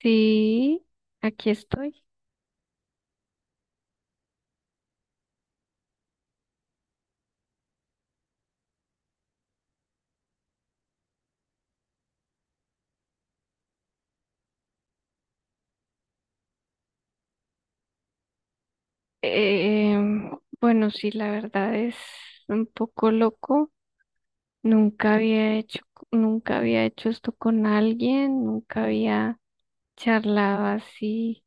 Sí, aquí estoy. Em, bueno, sí, la verdad es un poco loco. Nunca había hecho, Nunca había hecho esto con alguien, nunca había charlado así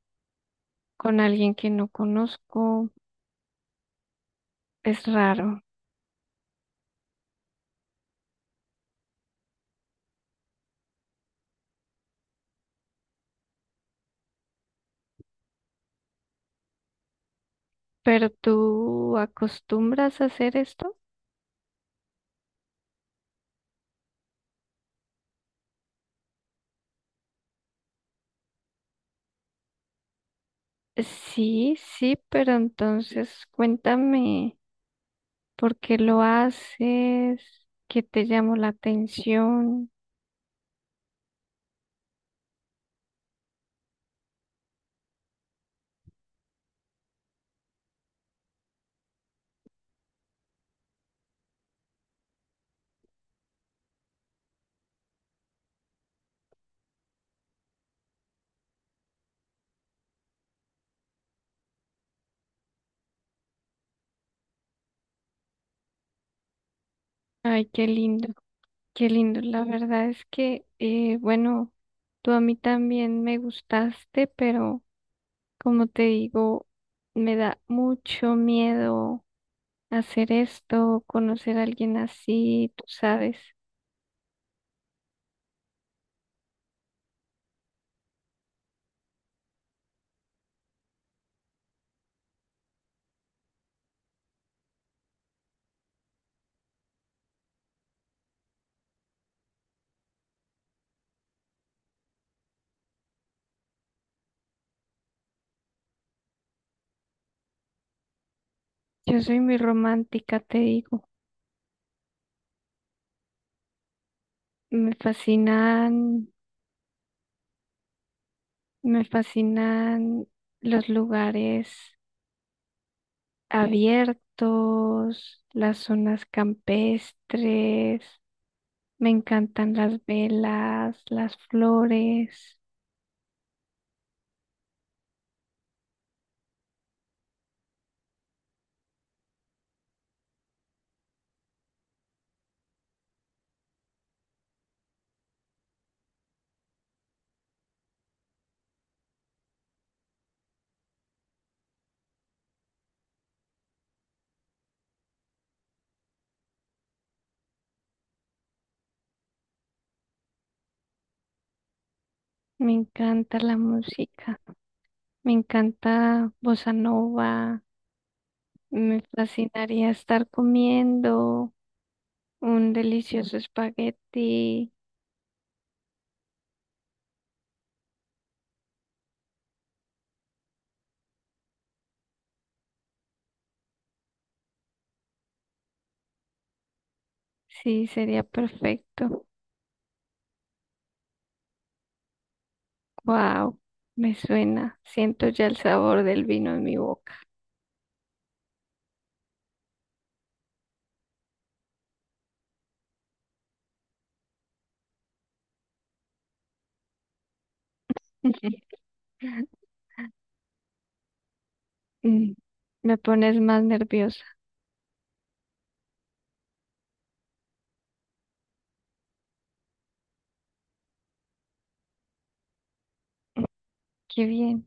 con alguien que no conozco. Es raro. ¿Pero tú acostumbras a hacer esto? Sí, sí, pero entonces cuéntame por qué lo haces, qué te llamó la atención. Ay, qué lindo. Qué lindo, la verdad es que, bueno, tú a mí también me gustaste, pero como te digo, me da mucho miedo hacer esto, conocer a alguien así, tú sabes. Yo soy muy romántica, te digo. Me fascinan, Me fascinan los lugares abiertos, las zonas campestres. Me encantan las velas, las flores, me encanta la música, me encanta bossa nova, me fascinaría estar comiendo un delicioso espagueti. Sí, sería perfecto. Wow, me suena. Siento ya el sabor del vino en mi boca. Mm, me pones más nerviosa. Qué bien,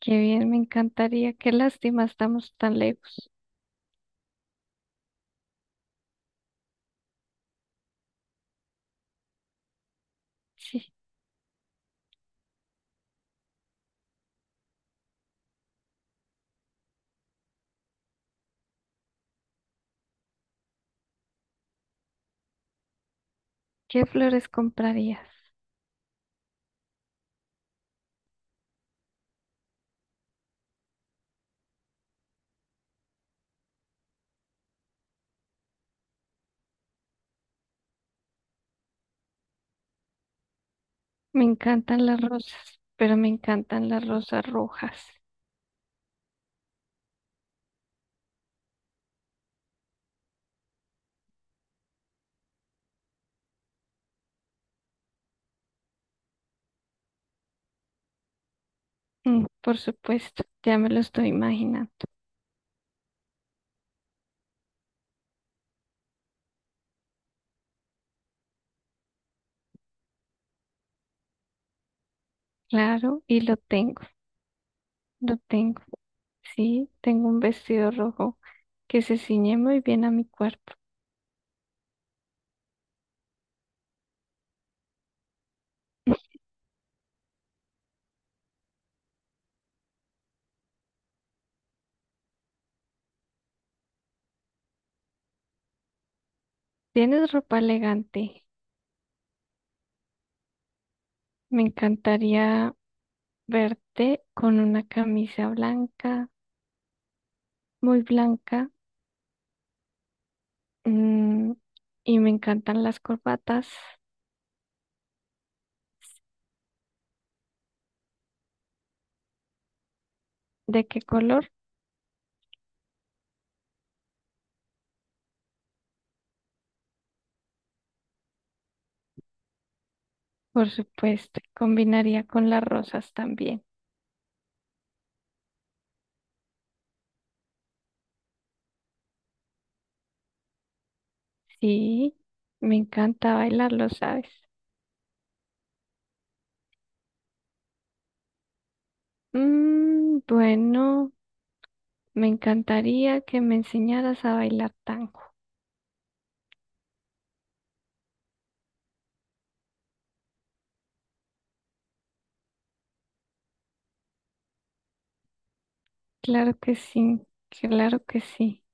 qué bien, me encantaría. Qué lástima, estamos tan lejos. Sí. ¿Qué flores comprarías? Me encantan las rosas, pero me encantan las rosas rojas. Mm, por supuesto, ya me lo estoy imaginando. Claro, y lo tengo. Sí, tengo un vestido rojo que se ciñe muy bien a mi cuerpo. Tienes ropa elegante. Me encantaría verte con una camisa blanca, muy blanca. Mm, y me encantan las corbatas. ¿De qué color? Por supuesto, combinaría con las rosas también. Sí, me encanta bailar, lo sabes. Mm, bueno, me encantaría que me enseñaras a bailar tango. Claro que sí, claro que sí.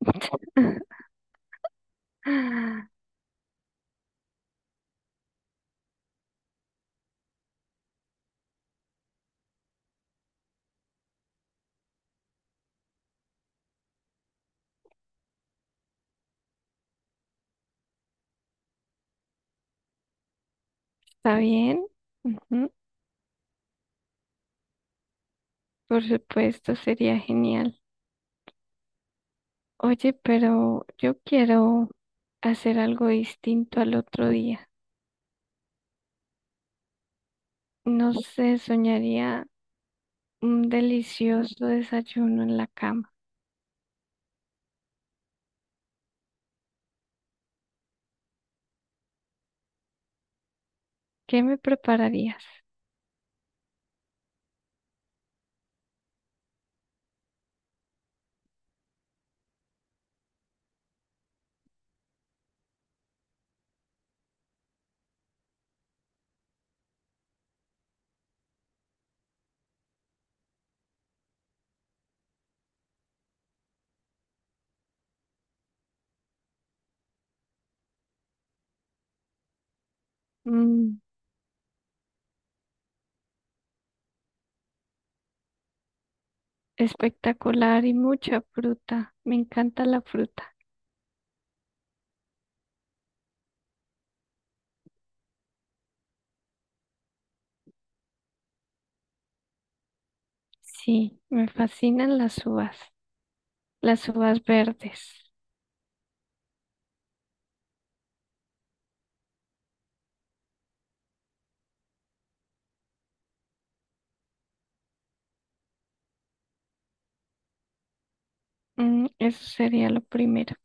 ¿Está bien? Ujú. Por supuesto, sería genial. Oye, pero yo quiero hacer algo distinto al otro día. No sé, soñaría un delicioso desayuno en la cama. ¿Qué me prepararías? Mm, espectacular y mucha fruta. Me encanta la fruta. Sí, me fascinan las uvas verdes. Mm, eso sería lo primero.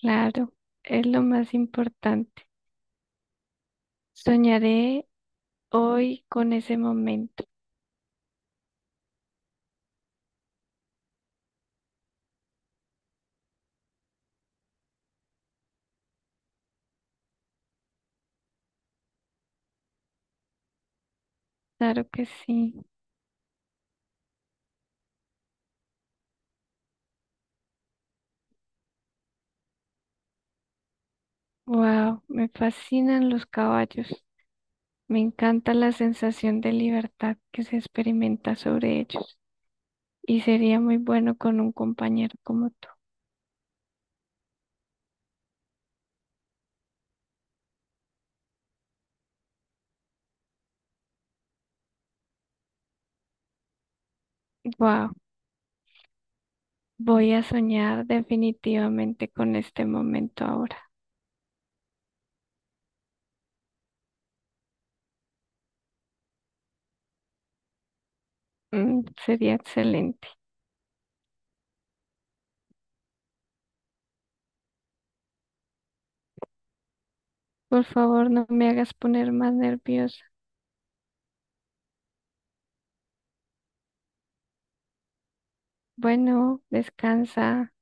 Claro, es lo más importante. Soñaré hoy con ese momento. Claro que sí. Wow, me fascinan los caballos. Me encanta la sensación de libertad que se experimenta sobre ellos. Y sería muy bueno con un compañero como tú. Wow, voy a soñar definitivamente con este momento ahora. Mm, sería excelente. Por favor, no me hagas poner más nerviosa. Bueno, descansa.